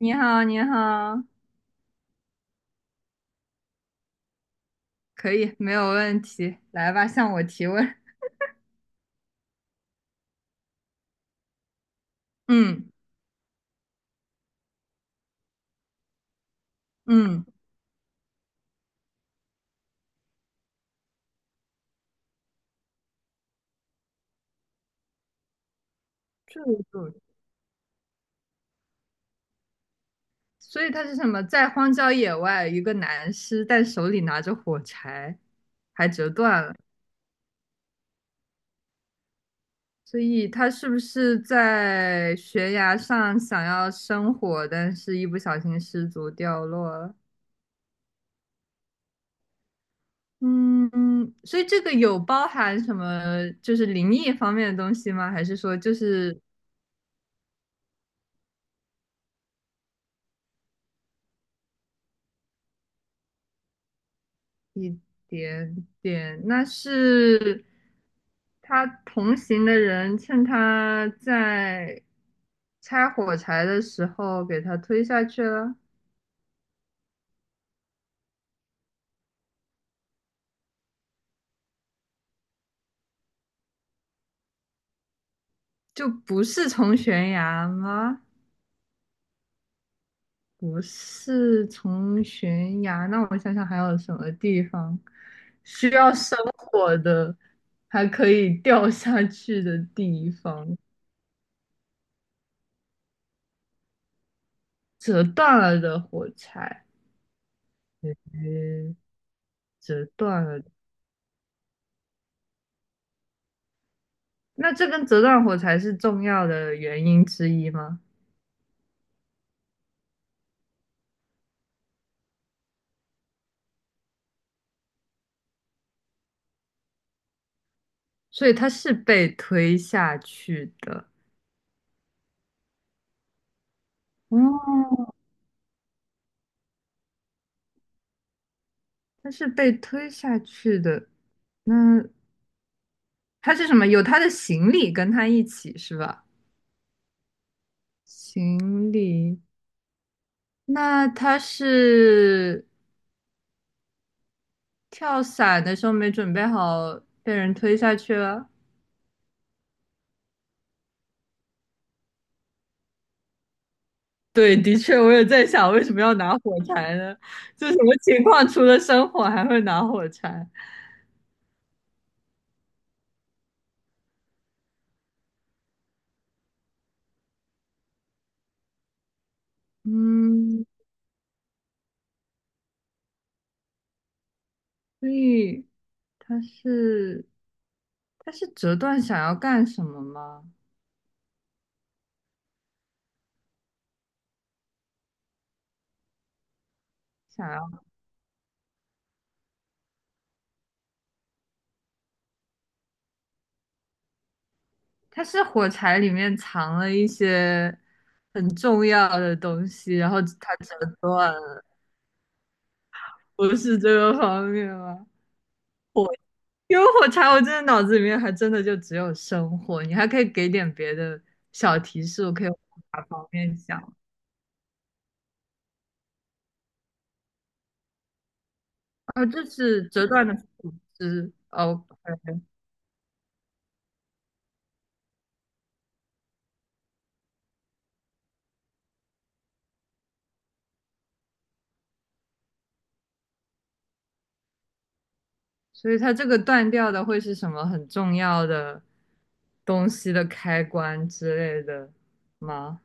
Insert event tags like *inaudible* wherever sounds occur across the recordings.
你好，你好，可以，没有问题，来吧，向我提问。嗯嗯，这个主所以他是什么？在荒郊野外，一个男尸，但手里拿着火柴，还折断了。所以他是不是在悬崖上想要生火，但是一不小心失足掉落了？嗯，所以这个有包含什么就是灵异方面的东西吗？还是说就是一点点，那是他同行的人趁他在拆火柴的时候给他推下去了，就不是从悬崖吗？不是从悬崖，那我想想还有什么地方需要生火的，还可以掉下去的地方，折断了的火柴，诶，折断了。那这根折断火柴是重要的原因之一吗？所以它是被推下去的，哦，它是被推下去的。那它是什么？有他的行李跟他一起是吧？行李，那他是跳伞的时候没准备好，被人推下去了。*laughs* 对，的确，我也在想，为什么要拿火柴呢？就什么情况，除了生火还会拿火柴？嗯，所以他是他是折断想要干什么吗？想要他是火柴里面藏了一些很重要的东西，然后他折断了，不是这个方面吗？火，因为火柴，我真的脑子里面还真的就只有生火，你还可以给点别的小提示，我可以往哪方面想？啊？就是折断的树枝，OK，所以它这个断掉的会是什么很重要的东西的开关之类的吗？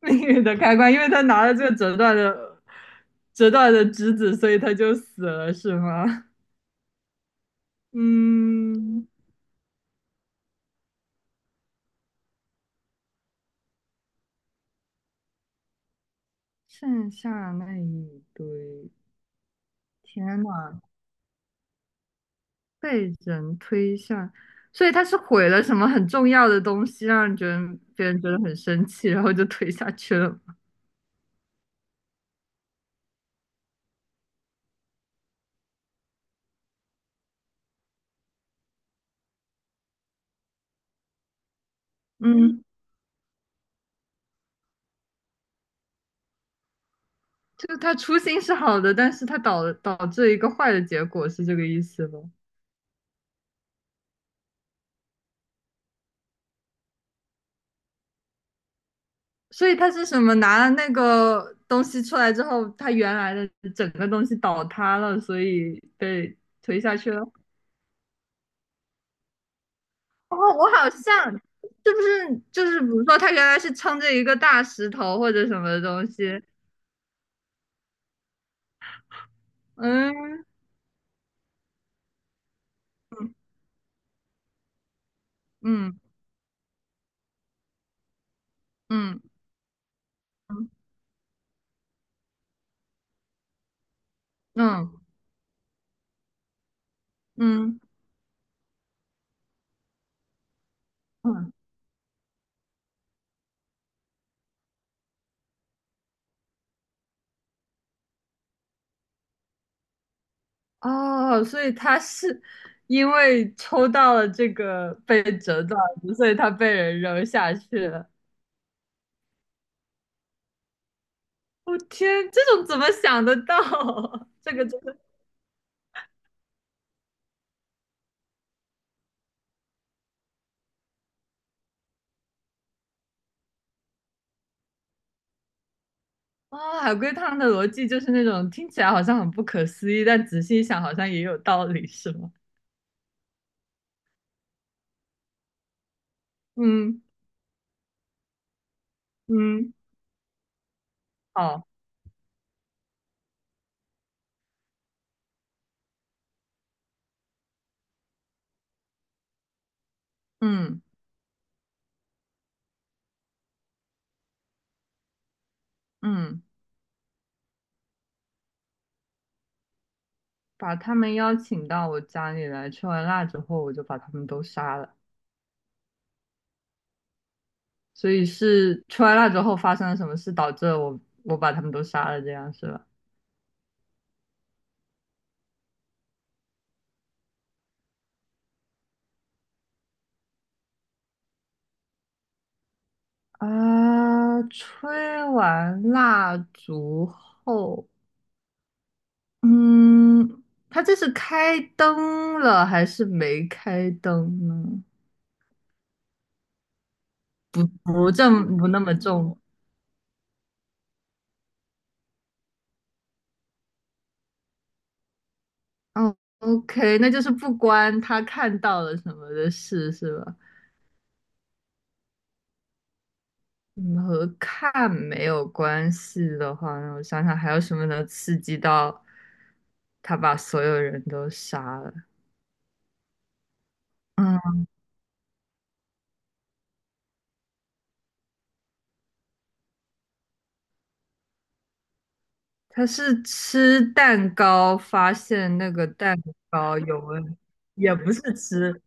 命运的开关，因为他拿了这个折断的枝子，所以他就死了，是吗？嗯，剩下那一堆，天呐，被人推下，所以他是毁了什么很重要的东西，让人觉得别人觉得很生气，然后就推下去了。嗯，就他初心是好的，但是他导致一个坏的结果，是这个意思吗？所以他是什么？拿了那个东西出来之后，他原来的整个东西倒塌了，所以被推下去了。哦，我好像就是比如说他原来是撑着一个大石头或者什么东西？嗯。嗯嗯嗯嗯嗯嗯。嗯嗯哦，所以他是因为抽到了这个被折断的，所以他被人扔下去了。我、天，这种怎么想得到？*laughs* 这个真的啊、海龟汤的逻辑就是那种听起来好像很不可思议，但仔细一想好像也有道理，是吗？嗯，嗯，好，嗯嗯，把他们邀请到我家里来，吃完辣之后我就把他们都杀了。所以是吃完辣之后发生了什么事，导致我把他们都杀了，这样是吧？啊，吹完蜡烛后，嗯，他这是开灯了还是没开灯呢？不正不那么重。哦，OK，那就是不关他看到了什么的事是吧？嗯，和看没有关系的话，那我想想还有什么能刺激到他把所有人都杀了？嗯。他是吃蛋糕发现那个蛋糕有问，也不是吃。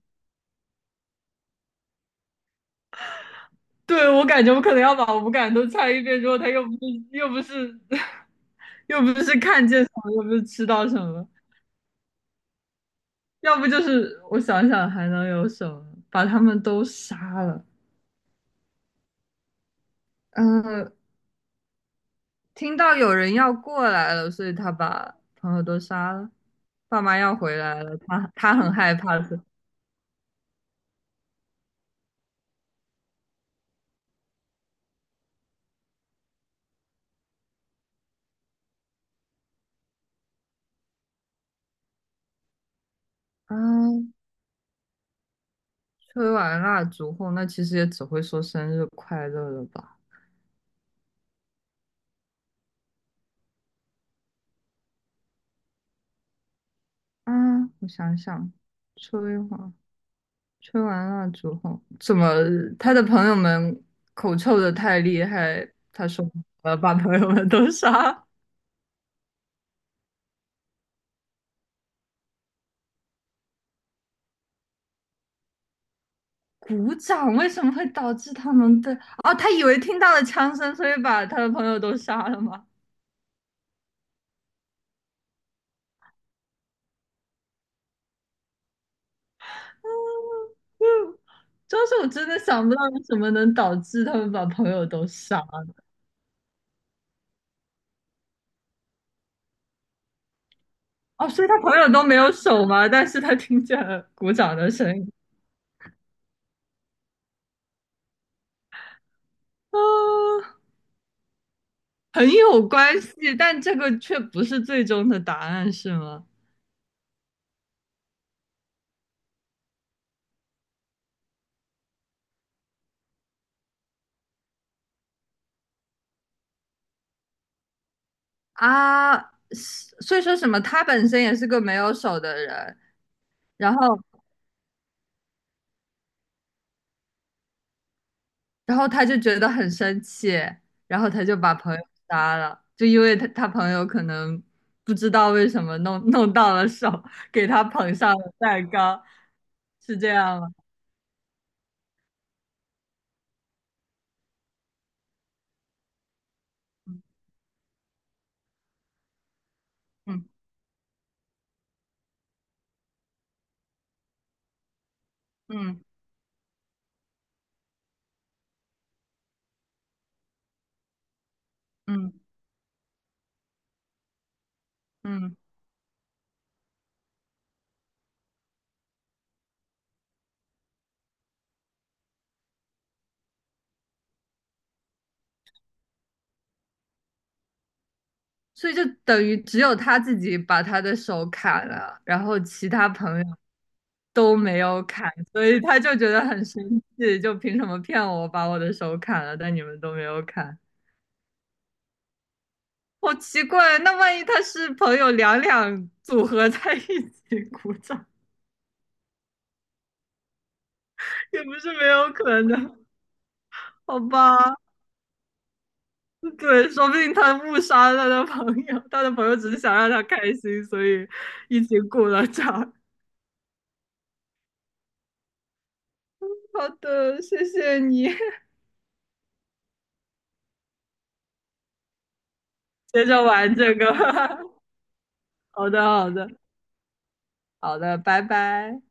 对，我感觉我可能要把无感都猜一遍之后，他又不是又不是 *laughs* 又不是看见什么，又不是吃到什么，要不就是我想想还能有什么，把他们都杀了。呃，听到有人要过来了，所以他把朋友都杀了。爸妈要回来了，他很害怕的。啊，吹完蜡烛后，那其实也只会说生日快乐了吧？啊，我想想，吹完吹完蜡烛后，怎么他的朋友们口臭的太厉害？他说把朋友们都杀。鼓掌为什么会导致他们的？哦，他以为听到了枪声，所以把他的朋友都杀了吗？嗯，主要是我真的想不到有什么能导致他们把朋友都杀。哦，所以他朋友都没有手吗？*laughs* 但是他听见了鼓掌的声音，啊，很有关系，但这个却不是最终的答案，是吗？啊，是所以说什么？他本身也是个没有手的人，然后，然后他就觉得很生气，然后他就把朋友杀了，就因为他朋友可能不知道为什么弄到了手，给他捧上了蛋糕，是这样吗？嗯。嗯嗯嗯。嗯所以就等于只有他自己把他的手砍了，然后其他朋友都没有砍，所以他就觉得很生气，就凭什么骗我把我的手砍了，但你们都没有砍，好奇怪。那万一他是朋友两两组合在一起鼓掌，也不是没有可能，好吧？对，说不定他误杀了他的朋友，他的朋友只是想让他开心，所以一起鼓了掌。好的，谢谢你。接着玩这个。*laughs* 好的，好的，好的，拜拜。